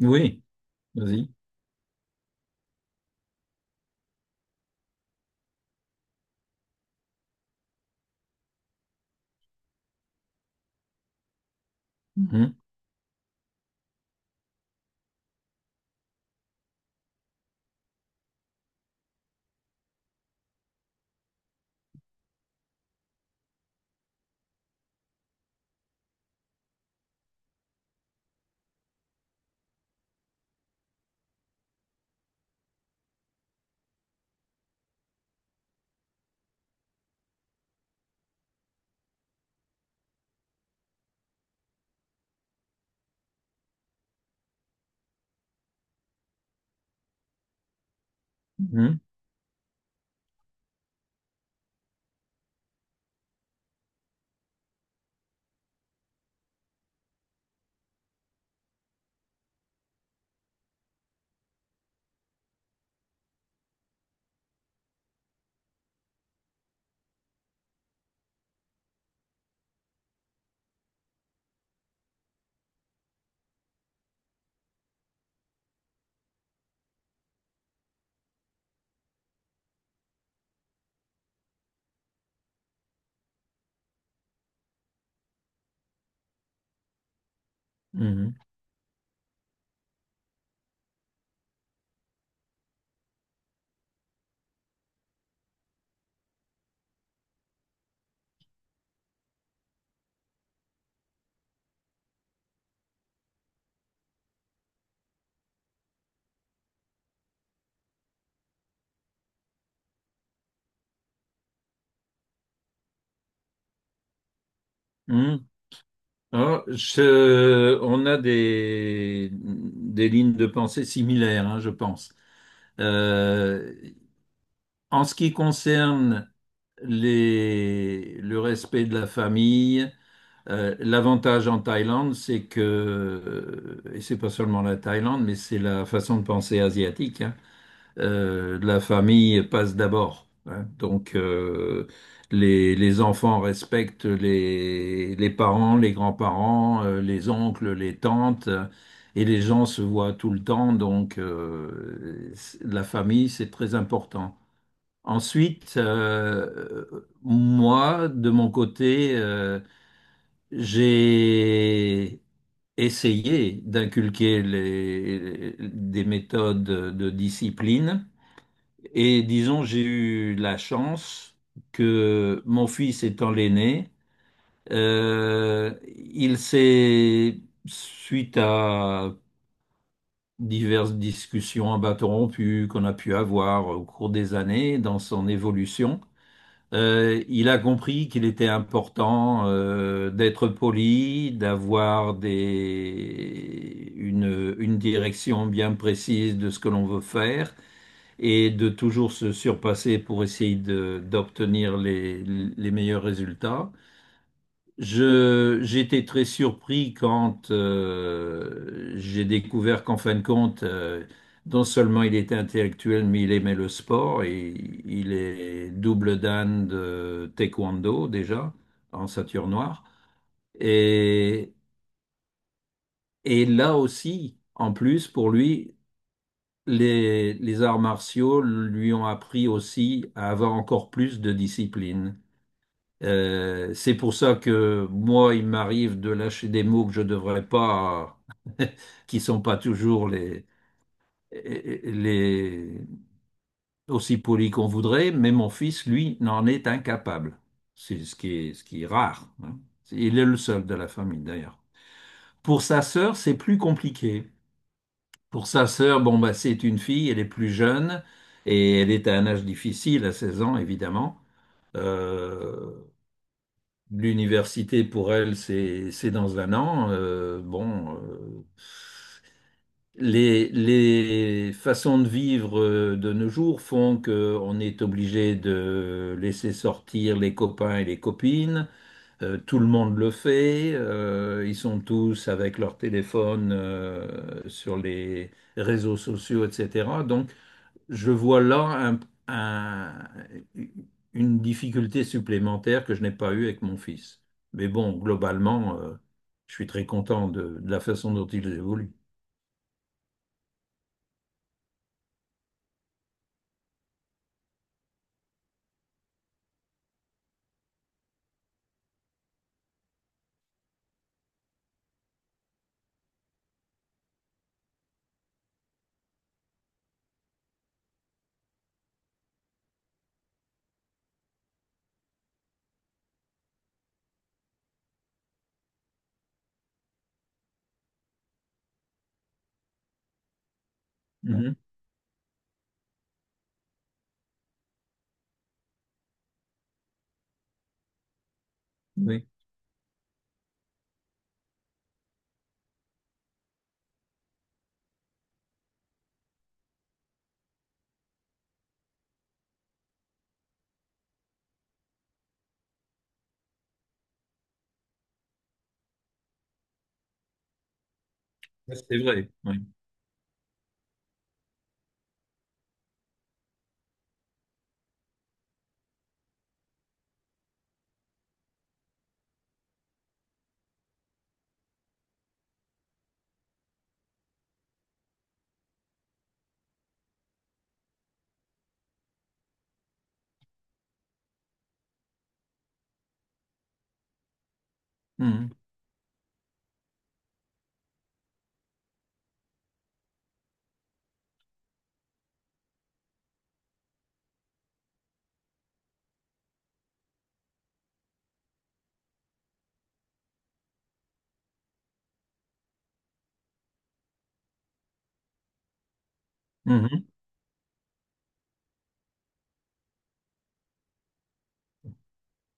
Oui, vas-y. Mm. Mhm, mhm, Mm. mhm, mhm. Je- on a des lignes de pensée similaires, hein, je pense. Euh, en ce qui concerne le respect de la famille, l'avantage en Thaïlande, c'est que, et c'est pas seulement la Thaïlande, mais c'est la façon de penser asiatique, hein, la famille passe d'abord, hein. Donc, les enfants respectent les parents, les grands-parents, les oncles, les tantes, et les gens se voient tout le temps. Donc, c'est- la famille, c'est très important. Ensuite, moi, de mon côté, j'ai essayé d'inculquer des méthodes de discipline et disons, j'ai eu la chance que mon fils étant l'aîné, euh, il s'est, suite à diverses discussions à bâton rompu qu'on a pu avoir au cours des années dans son évolution, il a compris qu'il était important d'être poli, d'avoir une direction bien précise de ce que l'on veut faire et de toujours se surpasser pour essayer de- d'obtenir les meilleurs résultats. J'étais très surpris quand j'ai découvert qu'en fin de compte, non seulement il était intellectuel, mais il aimait le sport et il est double dan de taekwondo déjà en ceinture noire. Et, et là aussi, en plus, pour lui, les arts martiaux lui ont appris aussi à avoir encore plus de discipline. C'est pour ça que moi, il m'arrive de lâcher des mots que je devrais pas, qui sont pas toujours les aussi polis qu'on voudrait, mais mon fils, lui, n'en est incapable. C'est ce qui est rare, hein. Il est le seul de la famille, d'ailleurs. Pour sa sœur, c'est plus compliqué. Pour sa sœur, bon, bah, c'est une fille, elle est plus jeune et elle est à un âge difficile, à 16 ans évidemment. Euh, l'université pour elle, c'est dans un an. Bon, les façons de vivre de nos jours font qu'on est obligé de laisser sortir les copains et les copines. Tout le monde le fait. Ils sont tous avec leur téléphone sur les réseaux sociaux, etc. Donc, je vois là un- une difficulté supplémentaire que je n'ai pas eue avec mon fils. Mais bon, globalement, je suis très content de la façon dont il évolue. Mhm. Oui, c'est vrai. Oui. Mhm. Mhm.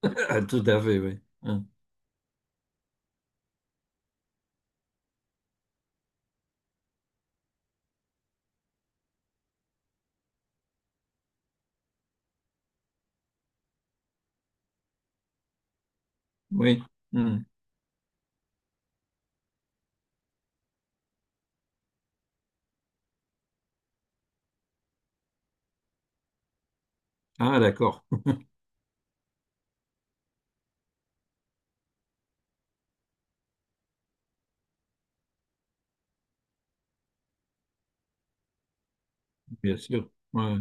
Tout à fait, oui, hein. Oui. Mhm. Ah, d'accord. Bien sûr. Ouais,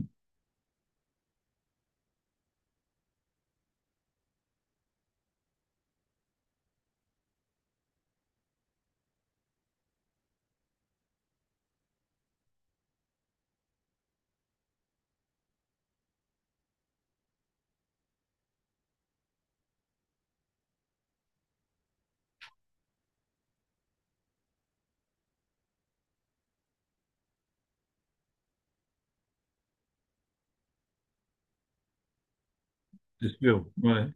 c'est sûr. Ouais.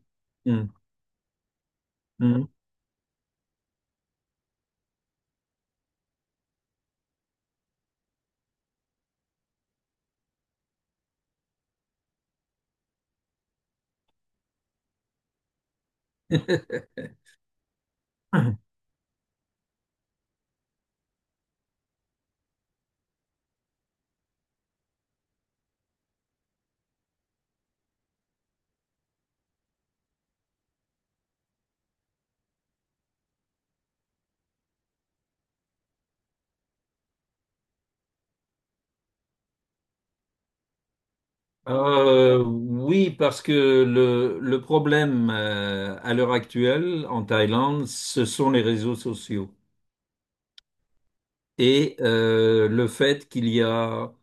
Mhm. Mhm. Oui, parce que le problème à l'heure actuelle en Thaïlande, ce sont les réseaux sociaux et le fait qu'il y a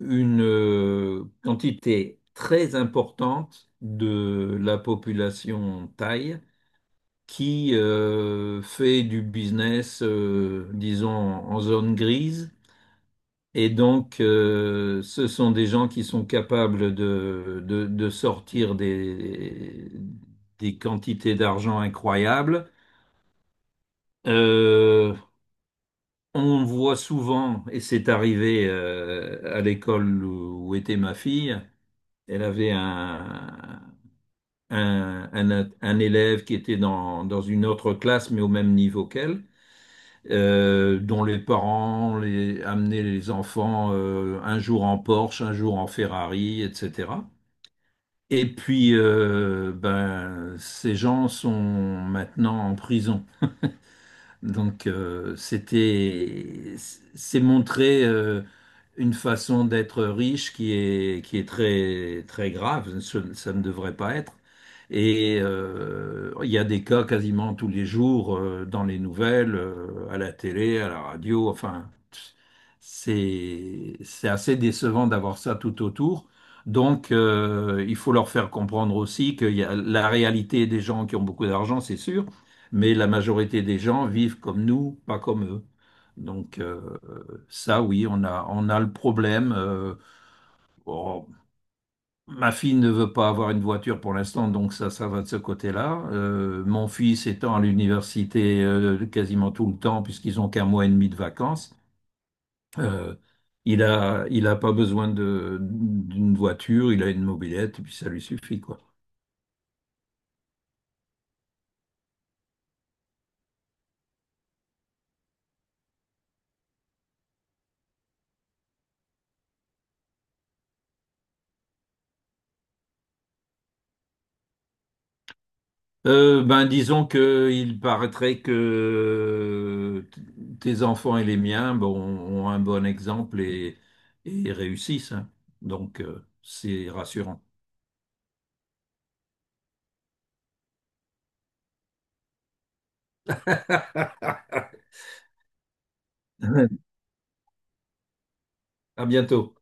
une quantité très importante de la population thaï qui fait du business, disons, en zone grise. Et donc, ce sont des gens qui sont capables de sortir des quantités d'argent incroyables. Euh, on voit souvent, et c'est arrivé à l'école où était ma fille. Elle avait un élève qui était dans une autre classe, mais au même niveau qu'elle, dont les parents amenaient les enfants un jour en Porsche, un jour en Ferrari, etc. Et puis, ben, ces gens sont maintenant en prison. Donc, c'est montrer une façon d'être riche qui est très, très grave. Ça ne devrait pas être. Et il y a des cas quasiment tous les jours dans les nouvelles, à la télé, à la radio. Enfin, c'est assez décevant d'avoir ça tout autour. Donc, il faut leur faire comprendre aussi que la réalité des gens qui ont beaucoup d'argent, c'est sûr, mais la majorité des gens vivent comme nous, pas comme eux. Donc ça, oui, on a le problème. Oh, Ma fille ne veut pas avoir une voiture pour l'instant, donc ça va de ce côté-là. Mon fils étant à l'université quasiment tout le temps, puisqu'ils ont qu'un mois et demi de vacances, euh, il a pas besoin d'une voiture, il a une mobilette, et puis ça lui suffit, quoi. Ben, disons que il paraîtrait que t- tes enfants et les miens, bon, ont un bon exemple et réussissent, hein. Donc, c'est rassurant. À bientôt.